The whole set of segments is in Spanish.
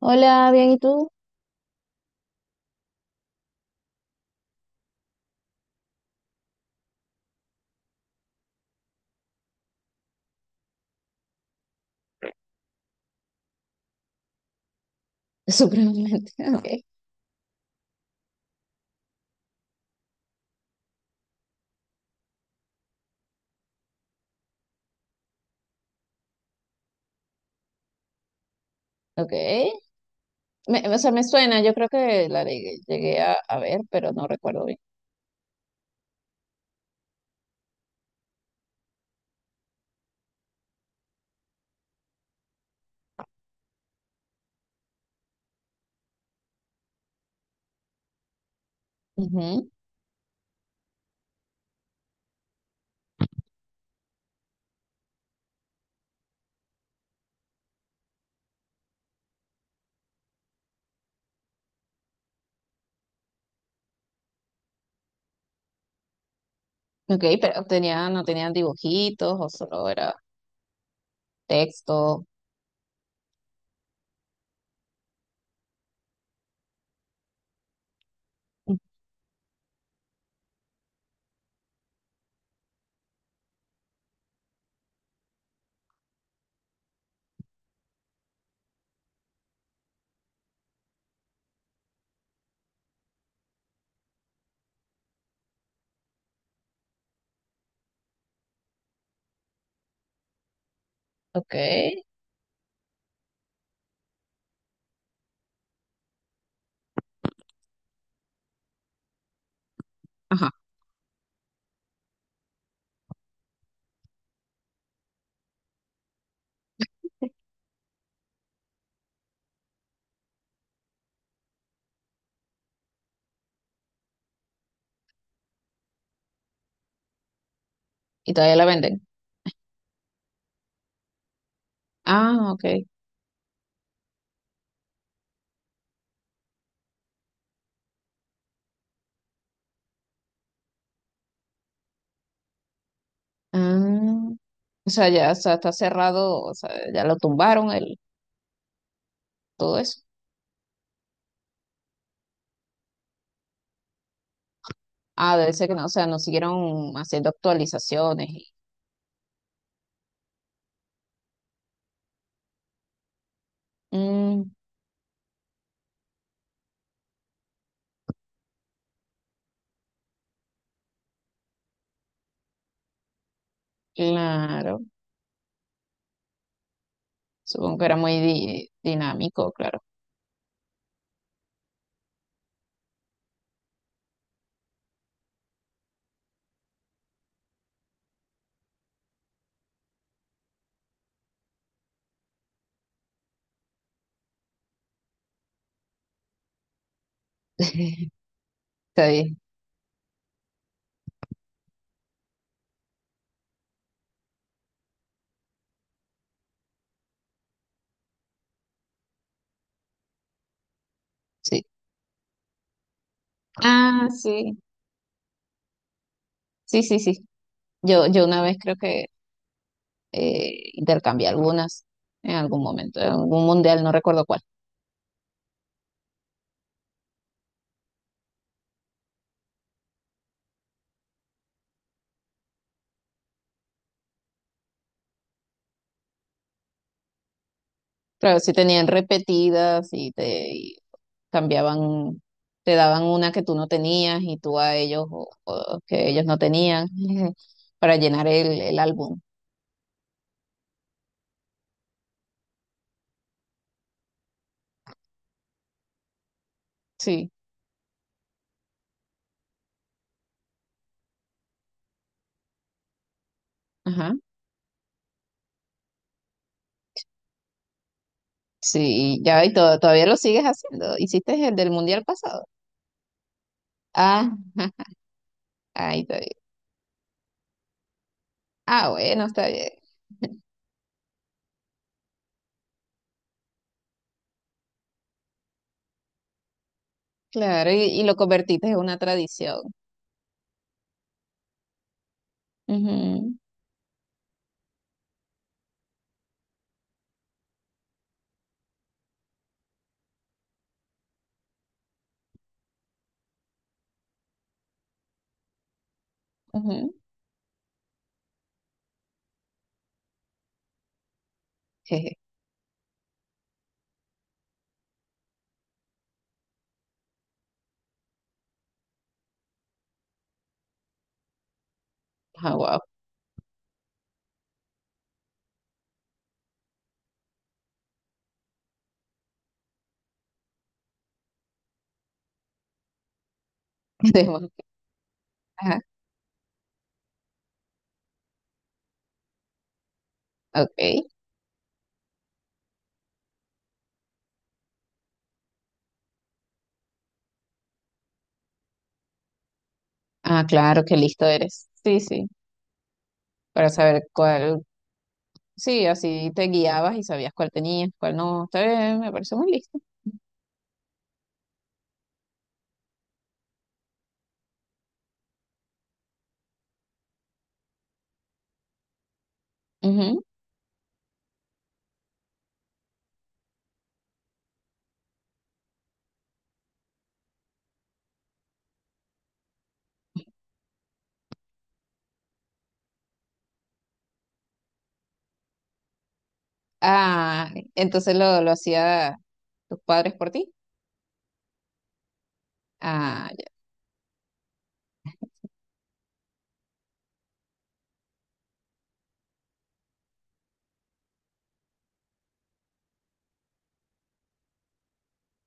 Hola, bien, ¿y tú? Supremamente. Ok, ok. Me, o sea, me suena, yo creo que la llegué, llegué a ver, pero no recuerdo bien. Ujú. Ok, pero tenía, no tenían dibujitos o solo era texto. Ok. Ajá. Y todavía la venden. Ah, ok. Ah, o sea, ya, o sea, está cerrado, o sea, ya lo tumbaron todo eso. Ah, debe ser que no, o sea, no siguieron haciendo actualizaciones. Y... mm, claro. Supongo que era muy dinámico, claro. Está bien, sí. Ah, sí, sí, sí, sí. Yo una vez creo que intercambié algunas en algún momento, en algún mundial, no recuerdo cuál. Pero sí tenían repetidas y te y cambiaban, te daban una que tú no tenías y tú a ellos o que ellos no tenían. Para llenar el álbum. Sí, ajá. Sí, y ya, y todavía lo sigues haciendo. ¿Hiciste el del mundial pasado? Ah. Ahí está bien. Ah, bueno, está bien. Claro, y lo convertiste en una tradición. Ujú, ujú. Jeje. Ah, wow. Demás. Ajá, ok. Ah, claro, qué listo eres. Sí, sí. Para saber cuál. Sí, así te guiabas y sabías cuál tenías, cuál no. Está bien, me parece muy listo. Ujú. Ah, entonces lo hacía tus padres por ti. Ah, ya,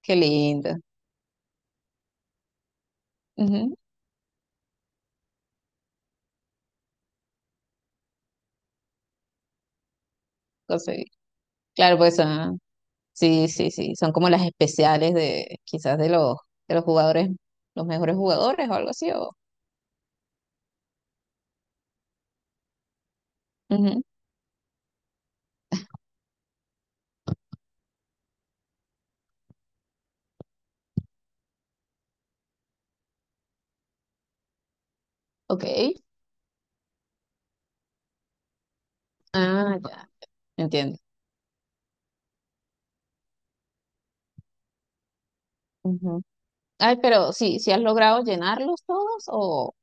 qué lindo. Ujú, conseguí. Claro, pues. Ah, sí, sí, sí, son como las especiales de quizás de los jugadores, los mejores jugadores o algo así. O ujú, ok. Ah, ya, entiendo. Ujú. Ay, pero sí, ¿sí has logrado llenarlos todos, o,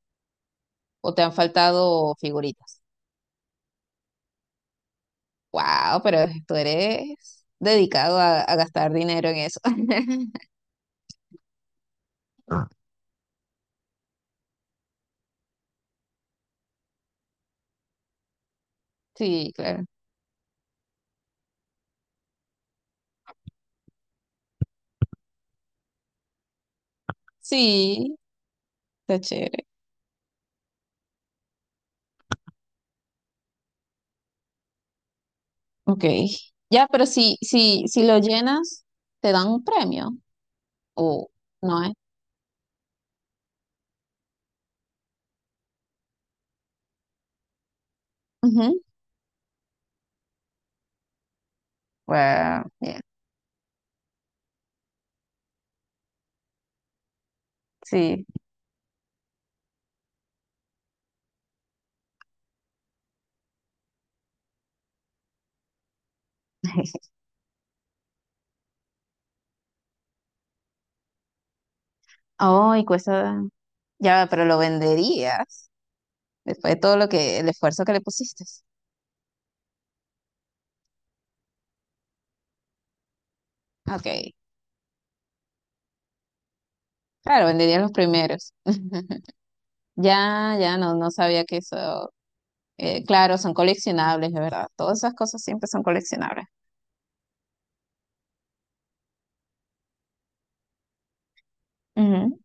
o te han faltado figuritas? Wow, pero tú eres dedicado a gastar dinero en eso. Sí, claro. Sí, está chévere. Ok. Ya, pero si lo llenas, te dan un premio. O no es. Wow, yeah, sí. Oh, y cuesta. Ya, pero lo venderías después de todo lo que, el esfuerzo que le pusiste. Ok. Claro, venderías los primeros. Ya, ya, no, no sabía que eso. Eh, claro, son coleccionables, de verdad. Todas esas cosas siempre son coleccionables. Ujú.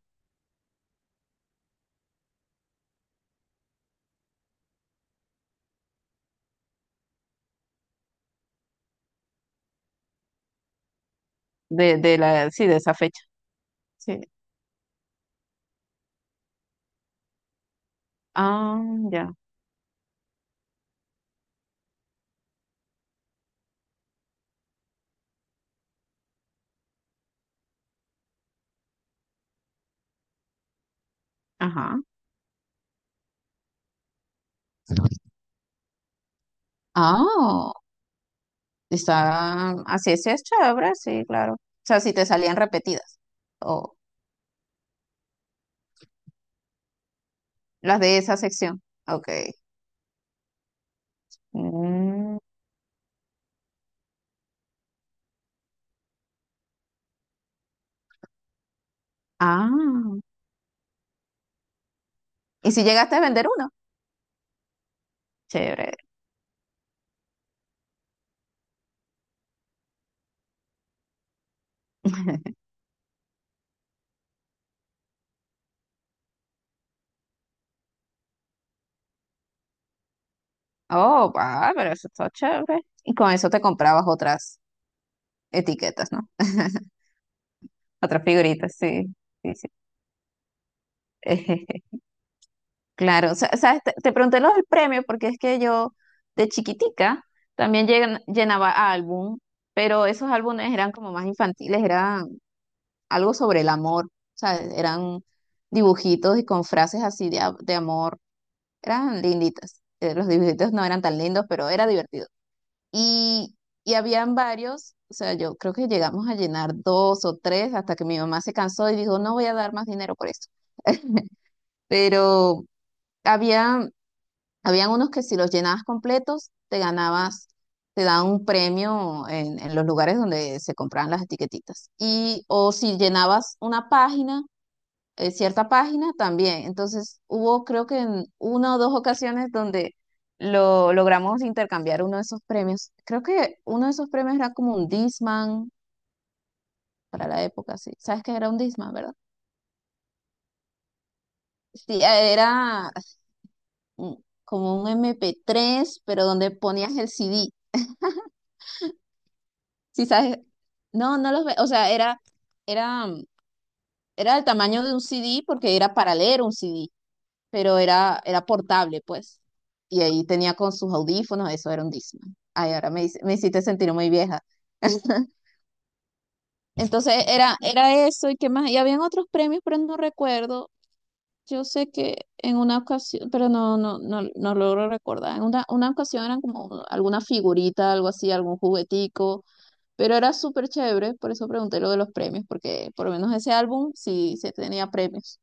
De la, sí, de esa fecha. Sí. Ah, ya. Ajá. Ah, está. Así es chévere, sí, claro. O sea, si te salían repetidas. Las de esa sección. Ok. Mm. Ah. ¿Y si llegaste a vender uno? Chévere. Oh, va, pero eso está chévere. Y con eso te comprabas otras etiquetas, ¿no? Otras figuritas, sí. Sí, sí. Claro, sabes, te pregunté lo del premio porque es que yo de chiquitica también llenaba álbum, pero esos álbumes eran como más infantiles, eran algo sobre el amor, ¿sabes? Eran dibujitos y con frases así de, de amor, eran linditas. Los dibujitos no eran tan lindos, pero era divertido. Y, y habían varios, o sea, yo creo que llegamos a llenar dos o tres hasta que mi mamá se cansó y dijo, no voy a dar más dinero por esto. Pero había, habían unos que si los llenabas completos, te daban un premio en los lugares donde se compraban las etiquetitas. Y, o si llenabas una página, cierta página también. Entonces hubo creo que en una o dos ocasiones donde lo logramos intercambiar uno de esos premios. Creo que uno de esos premios era como un Discman para la época, sí. ¿Sabes qué era un Discman, verdad? Sí, era mm, como un MP3, pero donde ponías el CD. Sí, sabes. No, no los ve. O sea, era, mm, era del tamaño de un CD porque era para leer un CD, pero era, era portable, pues. Y ahí tenía con sus audífonos, eso era un Discman. Ay, ahora me, me hiciste sentir muy vieja. Entonces era, era eso y qué más. Y habían otros premios, pero no recuerdo. Yo sé que en una ocasión, pero no, no, no, no logro recordar. En una ocasión eran como alguna figurita, algo así, algún juguetico, pero era súper chévere, por eso pregunté lo de los premios, porque por lo menos ese álbum sí, se tenía premios.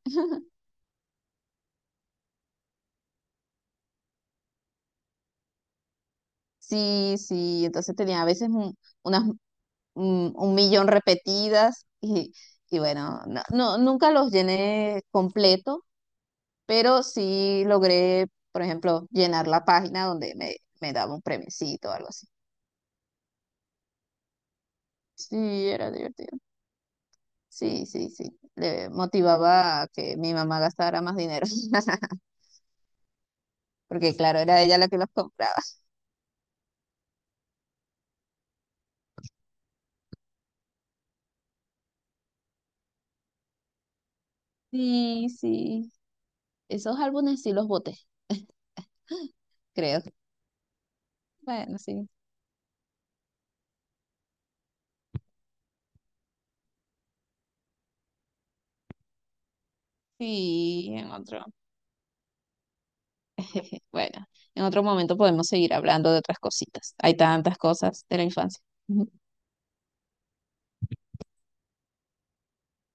Sí, sí, entonces tenía a veces unas, mm, un millón repetidas y bueno, no, nunca los llené completo, pero sí logré, por ejemplo, llenar la página donde me daba un premiecito o algo así. Sí, era divertido. Sí, sí, sí. Le motivaba a que mi mamá gastara más dinero, porque claro, era ella la que los compraba. Sí, sí. Esos álbumes sí los boté, creo. Bueno, sí. Sí, en otro. Bueno, en otro momento podemos seguir hablando de otras cositas. Hay tantas cosas de la infancia.